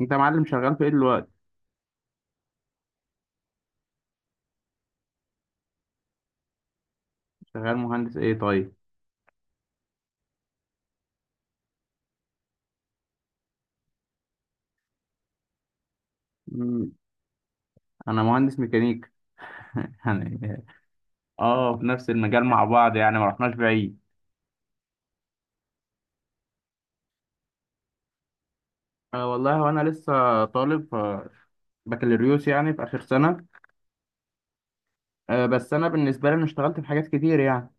انت يا معلم، شغال في ايه دلوقتي؟ شغال مهندس ايه؟ طيب. مم. انا مهندس ميكانيك يعني. اه، في نفس المجال مع بعض، يعني ما رحناش بعيد. أه والله، وانا لسه طالب بكالوريوس، يعني في اخر سنه. أه بس انا بالنسبه لي، انا اشتغلت في حاجات كتير يعني.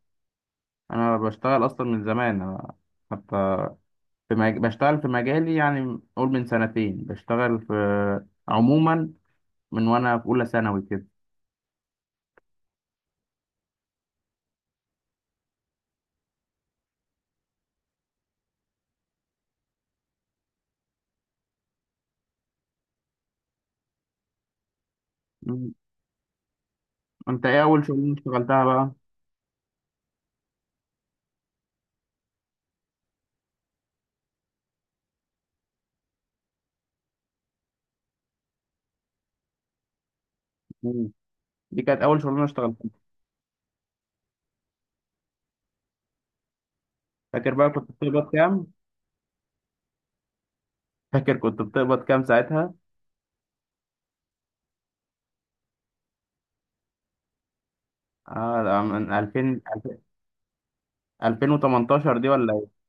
انا بشتغل اصلا من زمان، أنا حتى... بشتغل في مجالي، يعني قول من سنتين بشتغل في، عموما. من وانا في اولى ثانوي كده. مم. انت ايه اول شغلانه اشتغلتها بقى؟ مم. دي كانت اول شغلانه اشتغلتها؟ فاكر بقى كنت بتقبض كام؟ فاكر كنت بتقبض كام ساعتها؟ اه، ده من 2000... 2018 دي، ولا ايه؟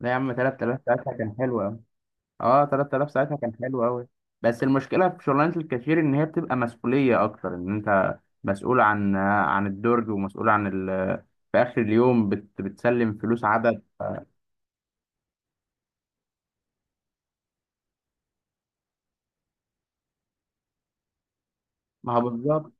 لا يا عم، 3000 ساعتها كان حلو قوي. اه، 3000 ساعتها كان حلو قوي. بس المشكلة في شغلانة الكاشير، ان هي بتبقى مسؤولية اكتر، ان انت مسؤول عن الدرج، ومسؤول عن ال... في اخر اليوم، بتسلم فلوس عدد. ما هو بالظبط.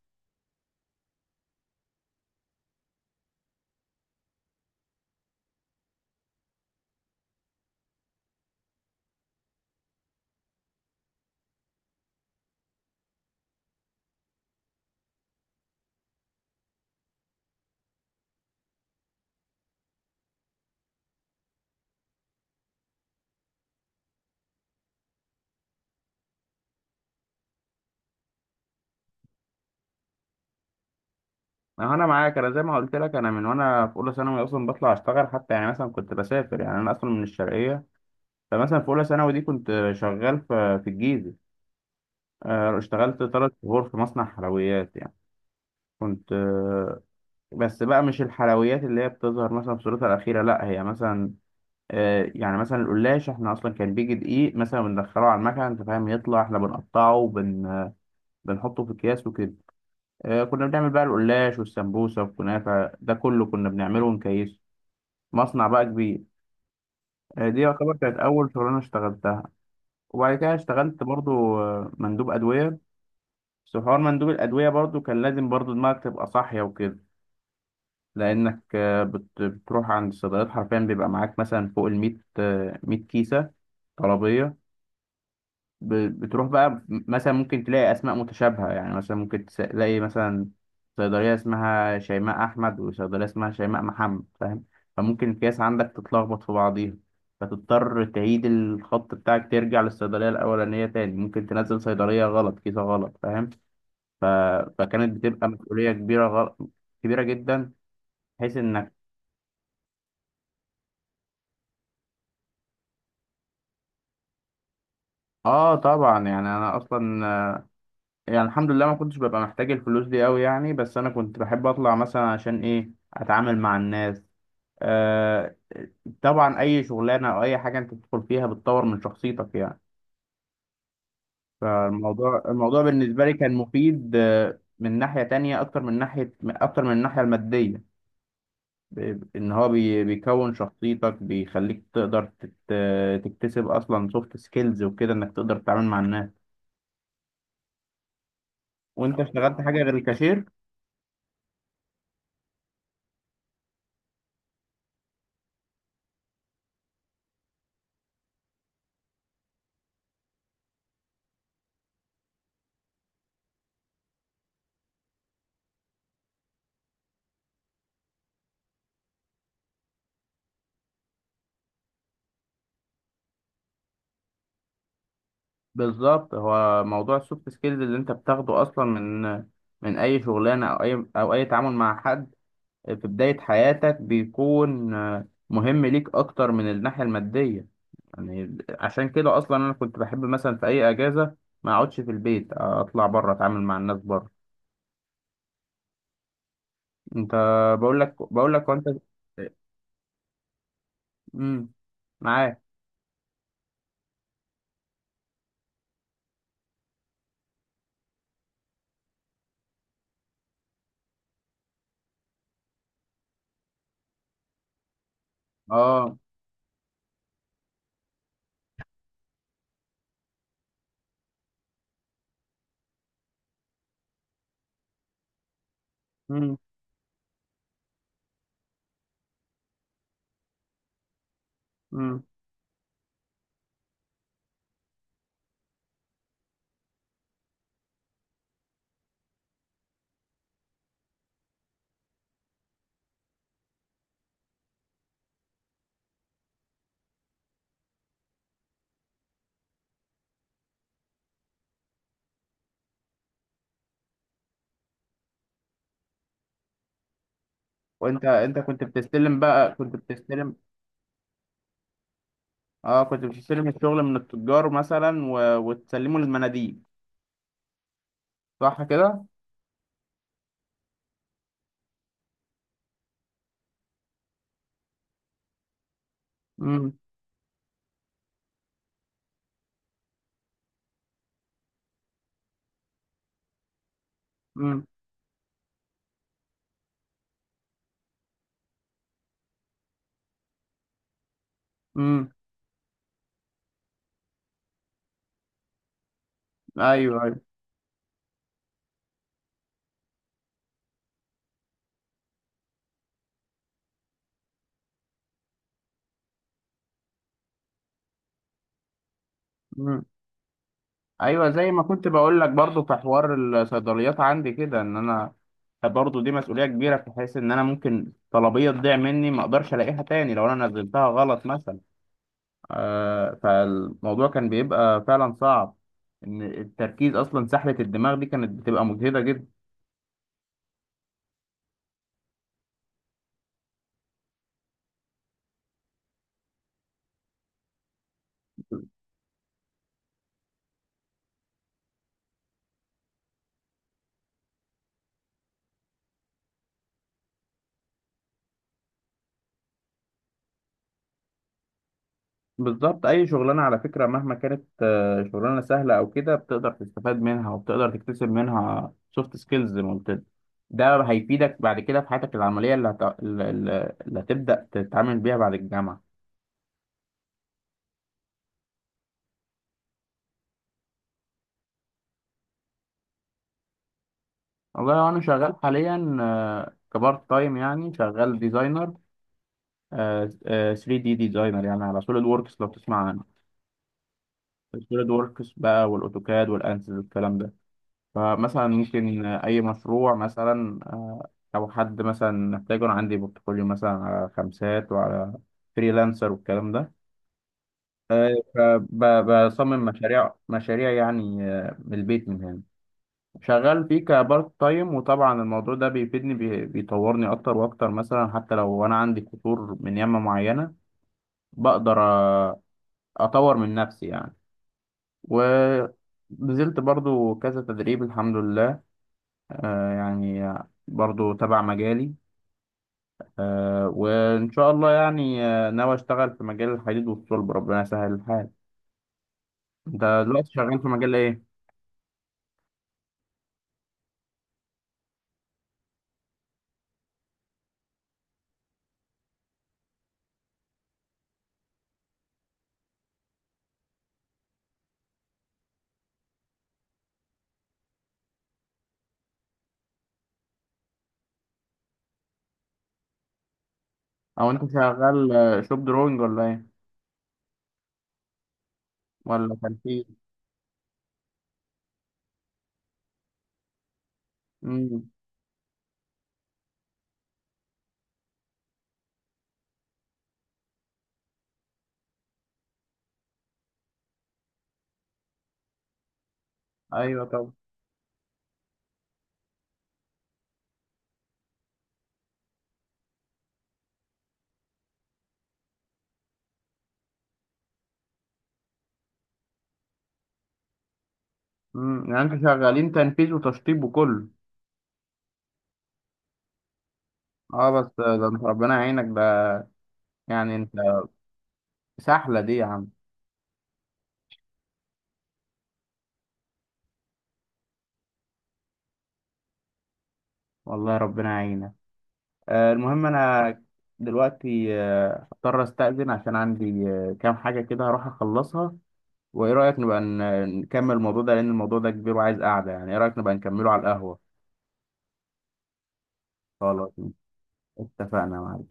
ما هو انا معاك، انا زي ما قلت لك، انا من وانا في اولى ثانوي اصلا بطلع اشتغل، حتى يعني مثلا كنت بسافر يعني، انا اصلا من الشرقية. فمثلا في اولى ثانوي دي، كنت شغال في الجيزه. اشتغلت 3 شهور في مصنع حلويات يعني. كنت بس بقى، مش الحلويات اللي هي بتظهر مثلا في صورتها الاخيره، لا، هي مثلا... يعني مثلا القلاش، احنا اصلا كان بيجي دقيق مثلا بندخله على المكنه، انت فاهم؟ يطلع احنا بنقطعه، بنحطه في اكياس وكده. كنا بنعمل بقى القلاش والسمبوسه والكنافه، ده كله كنا بنعمله ونكيسه. مصنع بقى كبير. دي يعتبر كانت اول شغلانه اشتغلتها. وبعد كده اشتغلت برضو، مندوب ادويه. بس حوار مندوب الأدوية برضو كان لازم برضو دماغك تبقى صاحية وكده. لأنك بتروح عند الصيدليات، حرفيا بيبقى معاك مثلا فوق الـ100، 100 كيسة طلبية. ب- بتروح بقى، مثلا ممكن تلاقي أسماء متشابهة، يعني مثلا ممكن تلاقي مثلا صيدلية اسمها شيماء أحمد، وصيدلية اسمها شيماء محمد، فاهم؟ فممكن الكيس عندك تتلخبط في بعضيها. فتضطر تعيد الخط بتاعك، ترجع للصيدلية الأولانية تاني، ممكن تنزل صيدلية غلط، كيسة غلط، فاهم؟ ف... فكانت بتبقى مسؤولية كبيرة، كبيرة جدا، بحيث انك... اه طبعا، يعني انا اصلا يعني الحمد لله، ما كنتش ببقى محتاج الفلوس دي قوي يعني، بس انا كنت بحب اطلع مثلا عشان ايه؟ اتعامل مع الناس. آه طبعا، اي شغلانة او اي حاجة انت بتدخل فيها بتطور من شخصيتك يعني. فالموضوع بالنسبة لي كان مفيد، من ناحية تانية اكتر من ناحية، اكتر من الناحية المادية. ان هو بيكون شخصيتك بيخليك تقدر تكتسب اصلا سوفت سكيلز وكده، انك تقدر تتعامل مع الناس. وانت اشتغلت حاجه غير الكاشير؟ بالظبط، هو موضوع السوفت سكيلز اللي انت بتاخده اصلا من، من اي شغلانه، او اي تعامل مع حد. في بدايه حياتك بيكون مهم ليك، اكتر من الناحيه الماديه. يعني عشان كده اصلا، انا كنت بحب مثلا في اي اجازه ما اقعدش في البيت، اطلع بره اتعامل مع الناس بره. انت... بقول لك، وانت... امم. معاك. اه. امم. امم. وانت كنت بتستلم بقى كنت بتستلم... اه، كنت بتستلم الشغل من التجار مثلا و... وتسلمه للمناديب، صح كده؟ امم، امم، امم. ايوه، ايوه. امم. ايوه، زي ما كنت بقول لك برضو في حوار الصيدليات عندي كده، ان انا برضو دي مسؤوليه كبيره، في حيث ان انا ممكن طلبيه تضيع مني، ما اقدرش الاقيها تاني لو انا نزلتها غلط مثلا. فالموضوع كان بيبقى فعلا صعب، ان التركيز اصلا، سحلة الدماغ دي كانت بتبقى مجهدة جدا. بالظبط، اي شغلانة على فكرة مهما كانت شغلانة سهلة او كده، بتقدر تستفاد منها وبتقدر تكتسب منها سوفت سكيلز زي ما قلت لك. ده هيفيدك بعد كده في حياتك العملية اللي, هت... اللي اللي هتبدأ تتعامل بيها بعد الجامعة. والله، انا شغال حاليا كبارت تايم، يعني شغال ديزاينر 3D، ديزاينر يعني على سوليد ووركس لو تسمع عنه. السوليد ووركس بقى والاوتوكاد والانسys والكلام ده. فمثلا ممكن اي مشروع مثلا او حد مثلا محتاجه. انا عندي بورتفوليو مثلا على خمسات وعلى فريلانسر والكلام ده. فبصمم مشاريع مشاريع يعني من البيت من هنا، شغال فيه كبارت تايم. وطبعا الموضوع ده بيفيدني، بيطورني اكتر واكتر، مثلا حتى لو انا عندي قصور من يمة معينة، بقدر اطور من نفسي يعني. و نزلت برضو كذا تدريب، الحمد لله. يعني برضو تبع مجالي. وإن شاء الله يعني ناوي أشتغل في مجال الحديد والصلب، ربنا يسهل الحال. أنت دلوقتي شغال في مجال إيه؟ أو أنت شغال شوب دروينج ولا إيه؟ ولا تنفيذ؟ امم. أيوه، طبعا. امم، يعني أنتوا شغالين تنفيذ وتشطيب وكله؟ أه بس ده أنت ربنا يعينك ده، يعني أنت... سحلة دي يا عم! والله ربنا يعينك. المهم أنا دلوقتي هضطر أستأذن، عشان عندي كام حاجة كده هروح أخلصها. وايه رايك نبقى نكمل الموضوع ده، لان الموضوع ده كبير وعايز قعده، يعني ايه رايك نبقى نكمله على القهوه؟ خلاص، اتفقنا يا معلم.